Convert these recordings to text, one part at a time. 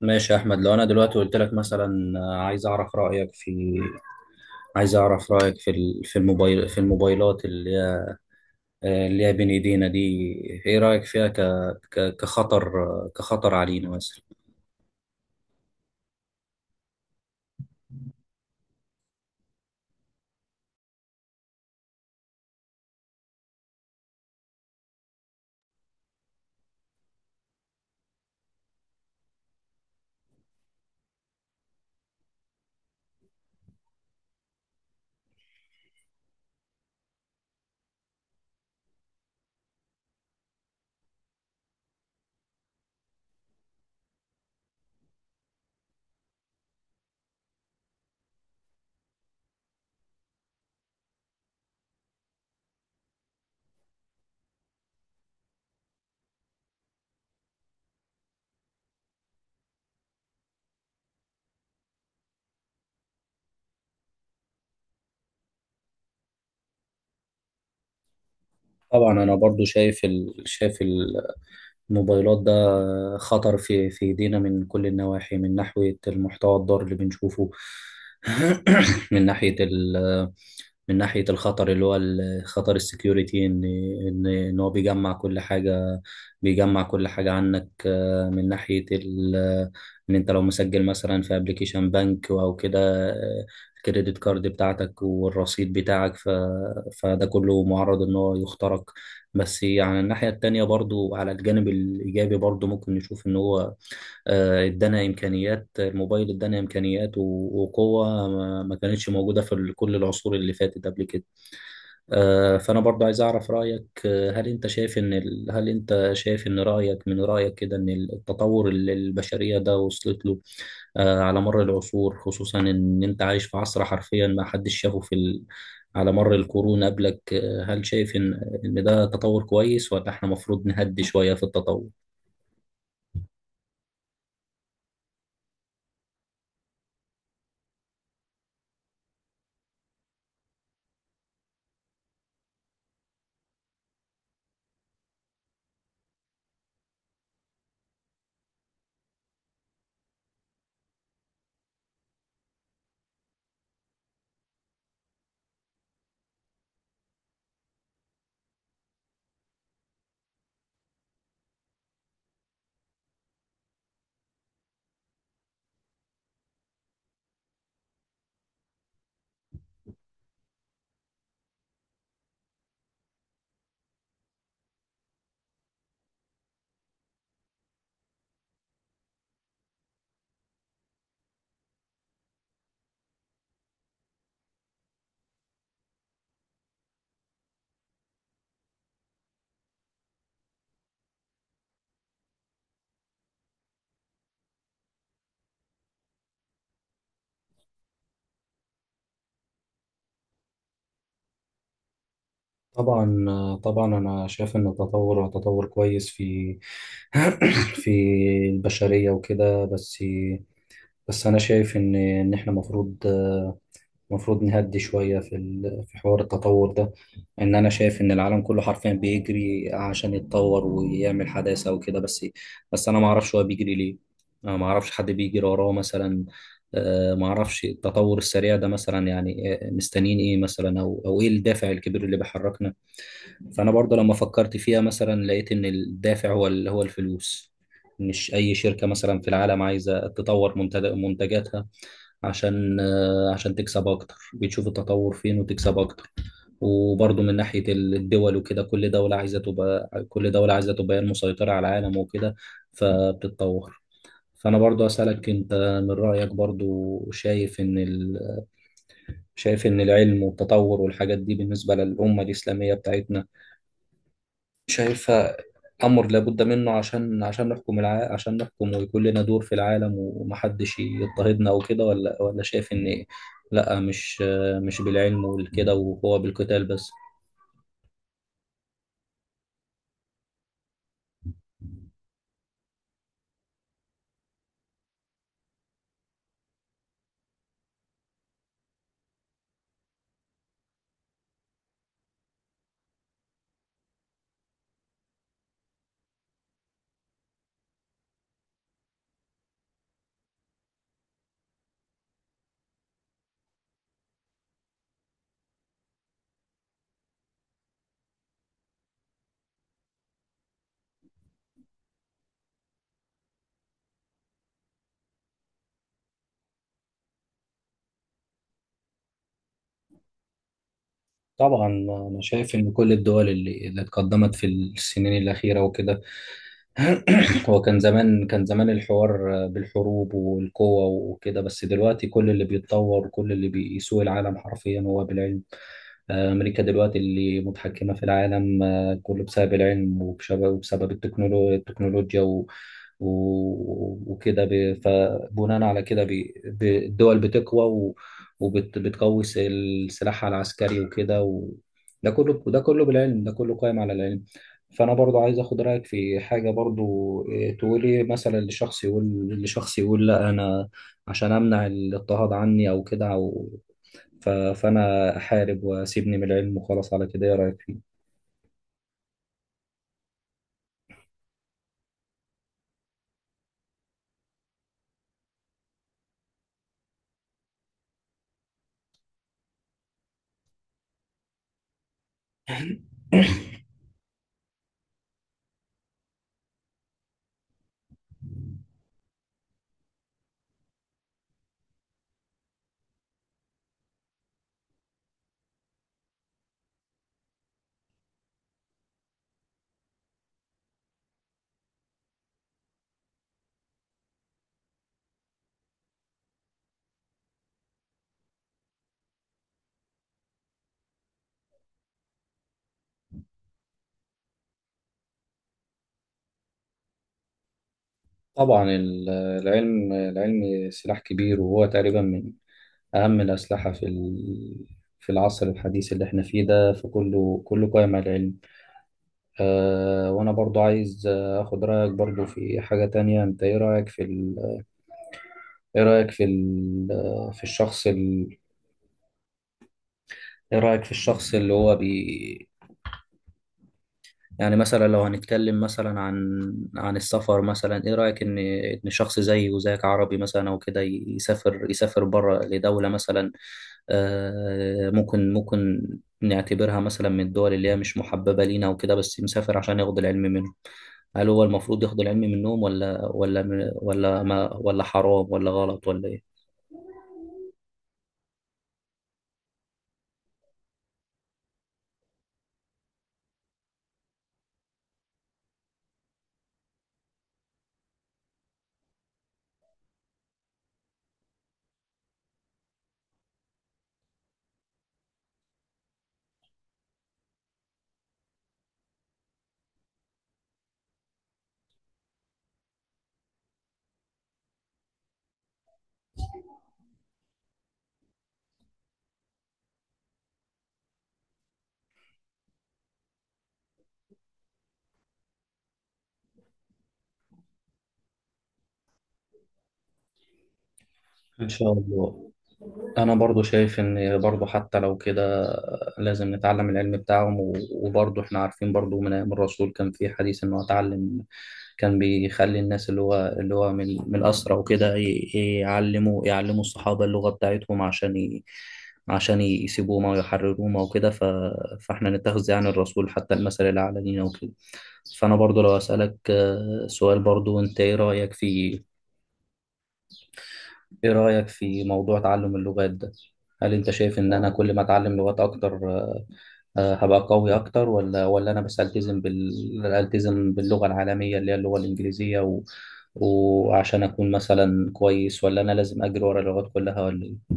ماشي يا احمد، لو انا دلوقتي قلت لك مثلا عايز اعرف رايك في في الموبايل في الموبايلات اللي هي بين ايدينا دي، ايه رايك فيها ك... ك... كخطر آه، كخطر علينا مثلا؟ طبعا، انا برضو شايف الموبايلات ده خطر في ايدينا، من كل النواحي، من ناحية المحتوى الضار اللي بنشوفه. من ناحية ال من ناحية الخطر اللي هو خطر السكيورتي، ان هو بيجمع كل حاجة، بيجمع كل حاجة عنك، من ناحية ال ان انت لو مسجل مثلا في ابلكيشن بنك او كده، آه، الكريدت كارد بتاعتك والرصيد بتاعك، فده كله معرض ان هو يخترق. بس يعني الناحية التانية، برضو على الجانب الإيجابي، برضو ممكن نشوف إن هو ادانا إمكانيات الموبايل، ادانا إمكانيات وقوة ما كانتش موجودة في كل العصور اللي فاتت قبل كده. فأنا برضو عايز أعرف رأيك. هل أنت شايف إن من رأيك كده، إن التطور اللي البشرية ده وصلت له على مر العصور، خصوصا إن أنت عايش في عصر حرفيا ما حدش شافه على مر القرون قبلك، هل شايف إن ده تطور كويس ولا إحنا المفروض نهدي شوية في التطور؟ طبعا طبعا انا شايف ان التطور هو تطور كويس في في البشرية وكده. بس انا شايف ان احنا المفروض نهدي شويه في في حوار التطور ده. ان انا شايف ان العالم كله حرفيا بيجري عشان يتطور ويعمل حداثه وكده. بس انا ما اعرفش هو بيجري ليه. انا ما اعرفش حد بيجري وراه مثلا. ما اعرفش التطور السريع ده مثلا، يعني مستنيين ايه مثلا، او ايه الدافع الكبير اللي بيحركنا؟ فانا برضه لما فكرت فيها مثلا، لقيت ان الدافع هو الفلوس. مش اي شركه مثلا في العالم عايزه تطور منتجاتها، عشان عشان تكسب اكتر، بتشوف التطور فين وتكسب اكتر. وبرضه من ناحية الدول وكده، كل دولة عايزة تبقى هي المسيطرة على العالم وكده، فبتتطور. فأنا برضه أسألك أنت، من رأيك برضه، شايف إن ال... شايف إن العلم والتطور والحاجات دي بالنسبة للأمة الإسلامية بتاعتنا، شايفها أمر لابد منه عشان عشان نحكم، ويكون لنا دور في العالم ومحدش يضطهدنا وكده، ولا شايف إن لأ مش بالعلم والكده، وهو بالقتال بس؟ طبعا، أنا شايف إن كل الدول اللي اتقدمت في السنين الأخيرة وكده. هو كان زمان الحوار بالحروب والقوة وكده. بس دلوقتي كل اللي بيتطور وكل اللي بيسوق العالم حرفيا هو بالعلم. أمريكا دلوقتي اللي متحكمة في العالم كله بسبب العلم وبسبب التكنولوجيا و... وكده، فبناء على كده، الدول بتقوى وبتقوي سلاحها العسكري وكده ده كله بالعلم، ده كله قائم على العلم. فأنا برضو عايز أخد رأيك في حاجة برضو. إيه، تقولي مثلا لشخص يقول لا أنا عشان أمنع الاضطهاد عني أو كده، فأنا أحارب وأسيبني من العلم وخلاص على كده، إيه رأيك فيه؟ طبعا، العلم سلاح كبير، وهو تقريبا من أهم الأسلحة في العصر الحديث اللي احنا فيه ده، فكله، كله قائم على العلم. أه، وأنا برضو عايز أخد رأيك برضو في حاجة تانية. أنت إيه رأيك في ال... إيه رأيك في ال... في الشخص ال... إيه رأيك في الشخص يعني مثلا لو هنتكلم مثلا عن السفر مثلا، ايه رأيك ان شخص زيي وزيك عربي مثلا او كده، يسافر بره لدولة مثلا، ممكن نعتبرها مثلا من الدول اللي هي مش محببة لينا وكده، بس مسافر عشان ياخد العلم منهم. هل هو المفروض ياخد العلم منهم، ولا ولا ولا ما ولا حرام ولا غلط ولا ايه؟ إن شاء الله. انا برضو شايف ان برضو حتى لو كده، لازم نتعلم العلم بتاعهم، وبرضو احنا عارفين برضو من ايام الرسول كان في حديث انه اتعلم. كان بيخلي الناس اللي هو من الاسرى وكده يعلموا الصحابة اللغة بتاعتهم، عشان يسيبوهم او يحرروهم او كده. فاحنا نتخذ يعني الرسول حتى المثل الاعلى لينا وكده. فانا برضو لو اسالك سؤال برضو، انت ايه رايك إيه رأيك في موضوع تعلم اللغات ده؟ هل أنت شايف إن أنا كل ما أتعلم لغات أكتر هبقى قوي أكتر، ولا أنا بس ألتزم باللغة العالمية اللي هي اللغة الإنجليزية وعشان أكون مثلا كويس، ولا أنا لازم أجري ورا اللغات كلها ولا إيه؟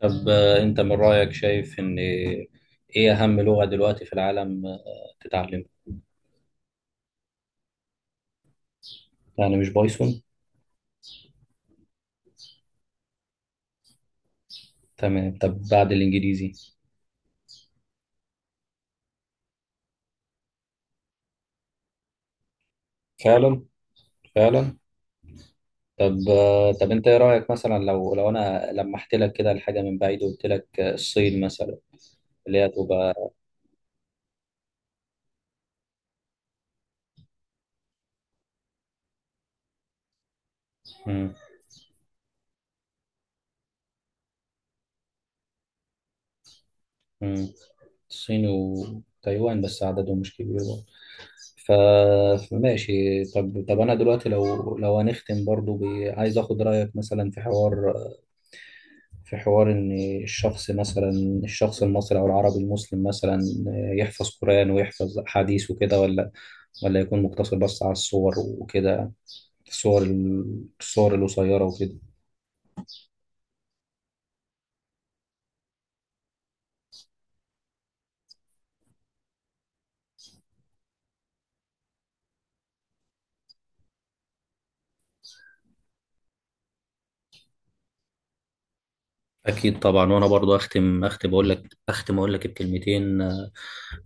طب أنت من رأيك، شايف إن إيه أهم لغة دلوقتي في العالم تتعلمها؟ يعني مش بايثون؟ تمام. طب بعد الإنجليزي؟ فعلا، فعلا. طب طب انت ايه رايك، مثلا لو انا لمحت لك كده الحاجه من بعيد، وقلت لك الصين مثلا، اللي هي تبقى... مم، مم. الصين وتايوان بس، عددهم مش كبير برضه. ف فماشي. طب، انا دلوقتي لو هنختم برضو عايز اخد رايك مثلا في حوار، في حوار ان الشخص مثلا الشخص المصري او العربي المسلم مثلا يحفظ قران ويحفظ حديث وكده، ولا يكون مقتصر بس على الصور وكده، الصور الصور القصيرة وكده. اكيد طبعا. وانا برضو اختم اقول لك بكلمتين،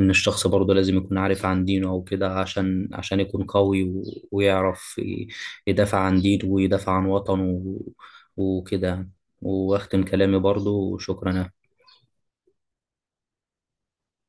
ان الشخص برضو لازم يكون عارف عن دينه او كده، عشان يكون قوي، ويعرف يدافع عن دينه ويدافع عن وطنه وكده. واختم كلامي برضو، وشكرا.